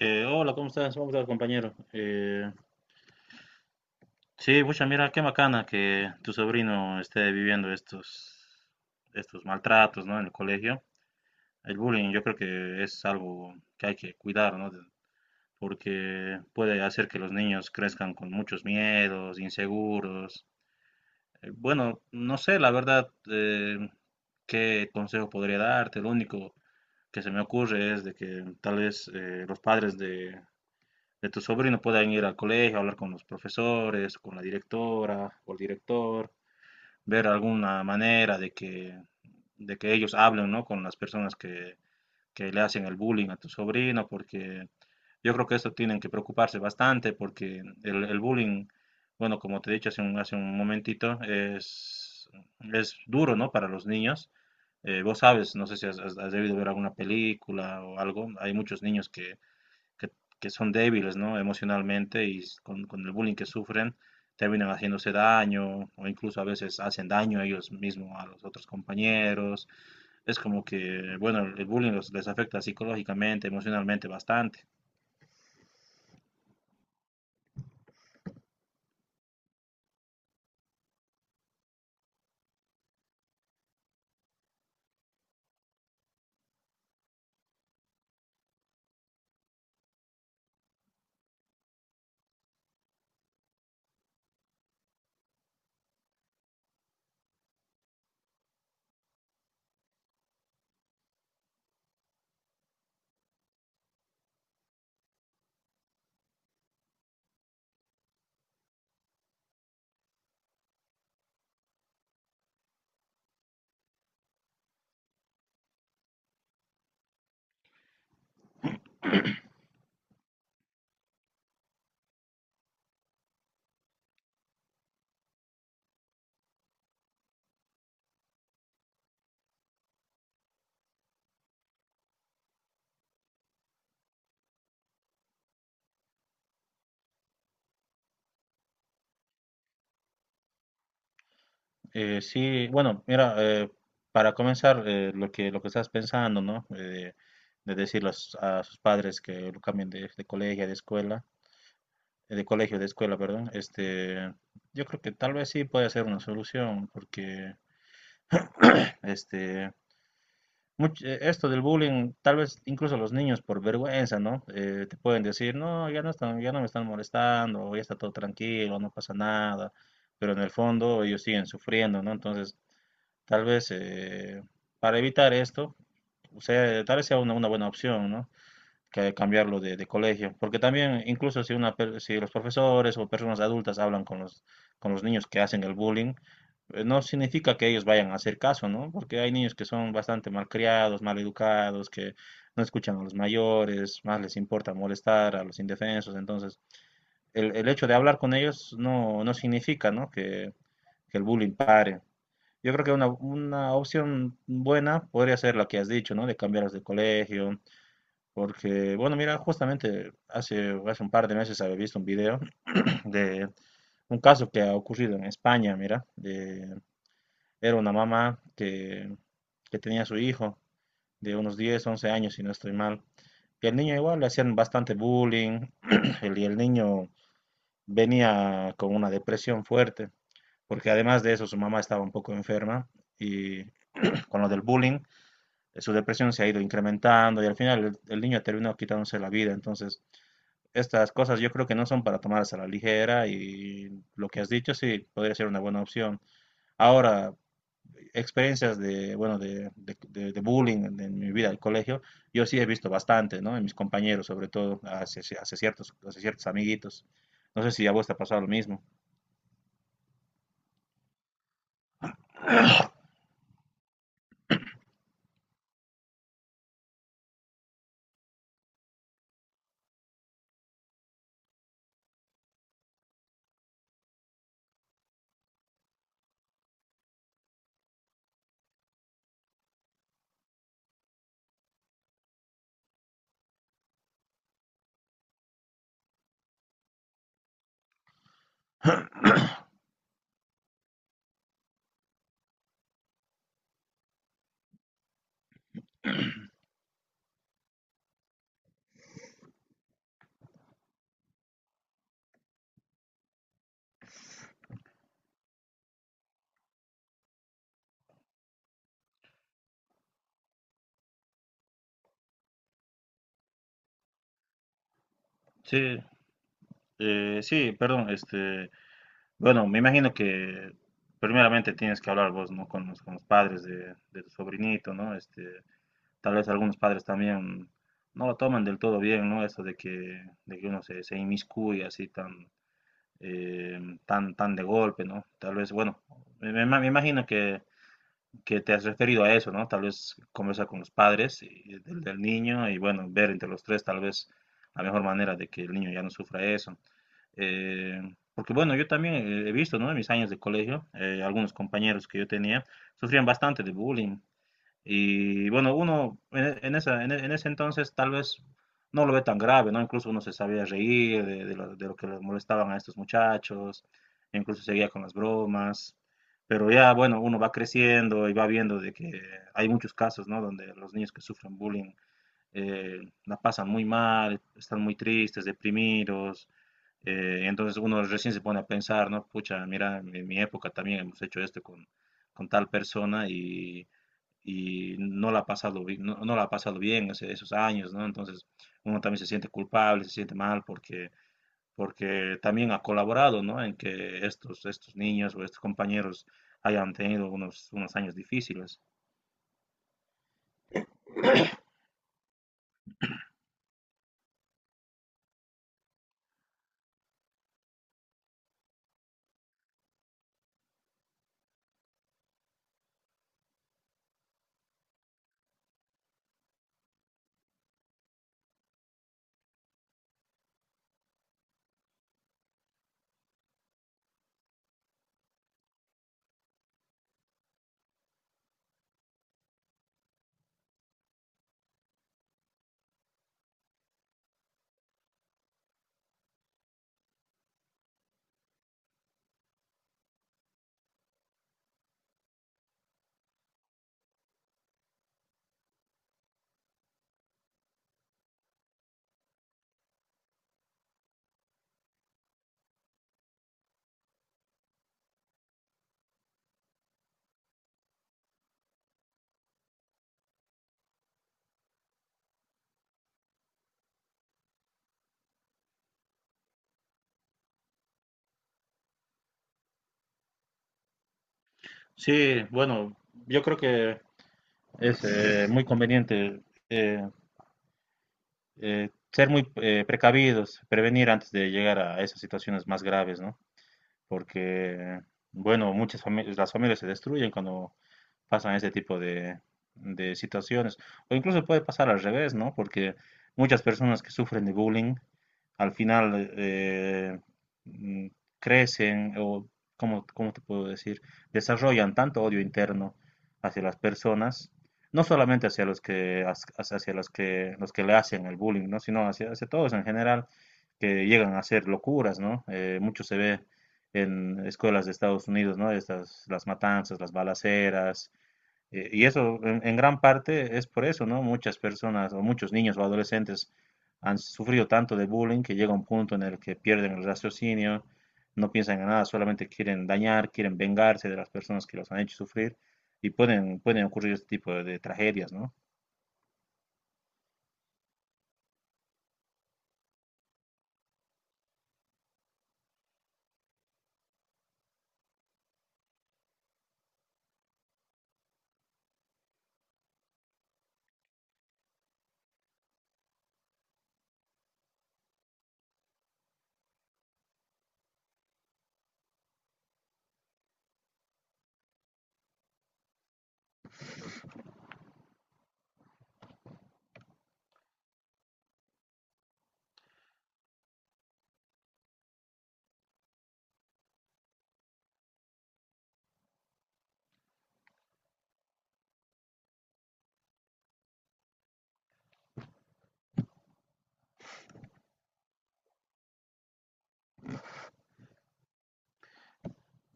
Hola, ¿cómo estás? ¿Cómo estás, compañero? Sí, mucha mira, qué bacana que tu sobrino esté viviendo estos maltratos, ¿no? En el colegio. El bullying yo creo que es algo que hay que cuidar, ¿no? Porque puede hacer que los niños crezcan con muchos miedos, inseguros. Bueno, no sé, la verdad, qué consejo podría darte. Lo único que se me ocurre es de que tal vez los padres de tu sobrino puedan ir al colegio, hablar con los profesores, con la directora o el director, ver alguna manera de que, ellos hablen, ¿no? Con las personas que le hacen el bullying a tu sobrino, porque yo creo que esto tienen que preocuparse bastante, porque el bullying, bueno, como te he dicho hace un momentito, es duro, ¿no? Para los niños. Vos sabes, no sé si has debido ver alguna película o algo, hay muchos niños que, que son débiles, ¿no? Emocionalmente y con el bullying que sufren, terminan haciéndose daño o incluso a veces hacen daño a ellos mismos a los otros compañeros. Es como que, bueno, el bullying les afecta psicológicamente, emocionalmente bastante. Sí, bueno, mira, para comenzar, lo que estás pensando, ¿no? De decir a sus padres que lo cambien de colegio, de escuela, de colegio, de escuela, perdón, este, yo creo que tal vez sí puede ser una solución, porque este, esto del bullying, tal vez incluso los niños por vergüenza, ¿no? Te pueden decir, no, ya no están, ya no me están molestando, o ya está todo tranquilo, no pasa nada, pero en el fondo ellos siguen sufriendo, ¿no? Entonces, tal vez para evitar esto, o sea, tal vez sea una buena opción, ¿no? Que cambiarlo de colegio, porque también incluso si los profesores o personas adultas hablan con los niños que hacen el bullying, no significa que ellos vayan a hacer caso, ¿no? Porque hay niños que son bastante malcriados, maleducados, que no escuchan a los mayores, más les importa molestar a los indefensos, entonces el hecho de hablar con ellos no significa, ¿no? Que, el bullying pare. Yo creo que una opción buena podría ser la que has dicho, ¿no? De cambiarlos de colegio, porque, bueno, mira, justamente hace un par de meses había visto un video de un caso que ha ocurrido en España, mira, era una mamá que tenía a su hijo de unos 10 u 11 años, si no estoy mal, y al niño igual le hacían bastante bullying, y el niño venía con una depresión fuerte, porque además de eso su mamá estaba un poco enferma, y con lo del bullying, su depresión se ha ido incrementando, y al final el niño terminó quitándose la vida, entonces estas cosas yo creo que no son para tomarse a la ligera y lo que has dicho sí podría ser una buena opción. Ahora, experiencias de, bueno, de bullying en mi vida del colegio, yo sí he visto bastante, ¿no? En mis compañeros, sobre todo, hacia ciertos amiguitos. No sé si a vos te ha pasado lo mismo. Sí, sí, perdón, este, bueno, me imagino que primeramente tienes que hablar vos, ¿no? Con los padres de tu sobrinito, ¿no? Este, tal vez algunos padres también no lo toman del todo bien, ¿no? Eso de que uno se inmiscuye así eh, tan de golpe, ¿no? Tal vez, bueno, me imagino que te has referido a eso, ¿no? Tal vez conversar con los padres del niño y, bueno, ver entre los tres tal vez la mejor manera de que el niño ya no sufra eso. Eh, Porque, bueno, yo también he visto, ¿no? En mis años de colegio, algunos compañeros que yo tenía sufrían bastante de bullying. Y bueno, uno en ese entonces tal vez no lo ve tan grave, ¿no? Incluso uno se sabía reír de lo que les molestaban a estos muchachos, incluso seguía con las bromas, pero ya, bueno, uno va creciendo y va viendo de que hay muchos casos, ¿no? Donde los niños que sufren bullying eh, la pasan muy mal, están muy tristes, deprimidos, entonces uno recién se pone a pensar, ¿no? Pucha, mira, en mi época también hemos hecho esto con tal persona y no la ha pasado, no, no la ha pasado bien esos años, ¿no? Entonces uno también se siente culpable, se siente mal porque también ha colaborado, ¿no? En que estos niños o estos compañeros hayan tenido unos años difíciles. Sí, bueno, yo creo que es muy conveniente eh, ser muy precavidos, prevenir antes de llegar a esas situaciones más graves, ¿no? Porque, bueno, muchas familias, las familias se destruyen cuando pasan este tipo de situaciones. O incluso puede pasar al revés, ¿no? Porque muchas personas que sufren de bullying al final mm, crecen o, ¿cómo te puedo decir? Desarrollan tanto odio interno hacia las personas, no solamente hacia los que le hacen el bullying, ¿no? Sino hacia todos en general que llegan a hacer locuras, ¿no? Mucho se ve en escuelas de Estados Unidos, ¿no? Estas, las matanzas, las balaceras. Y eso en gran parte es por eso, ¿no? Muchas personas o muchos niños o adolescentes han sufrido tanto de bullying que llega un punto en el que pierden el raciocinio, no piensan en nada, solamente quieren dañar, quieren vengarse de las personas que los han hecho sufrir y pueden ocurrir este tipo de tragedias, ¿no?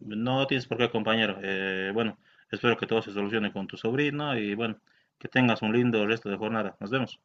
No tienes por qué, compañero. Bueno, espero que todo se solucione con tu sobrino y bueno, que tengas un lindo resto de jornada. Nos vemos.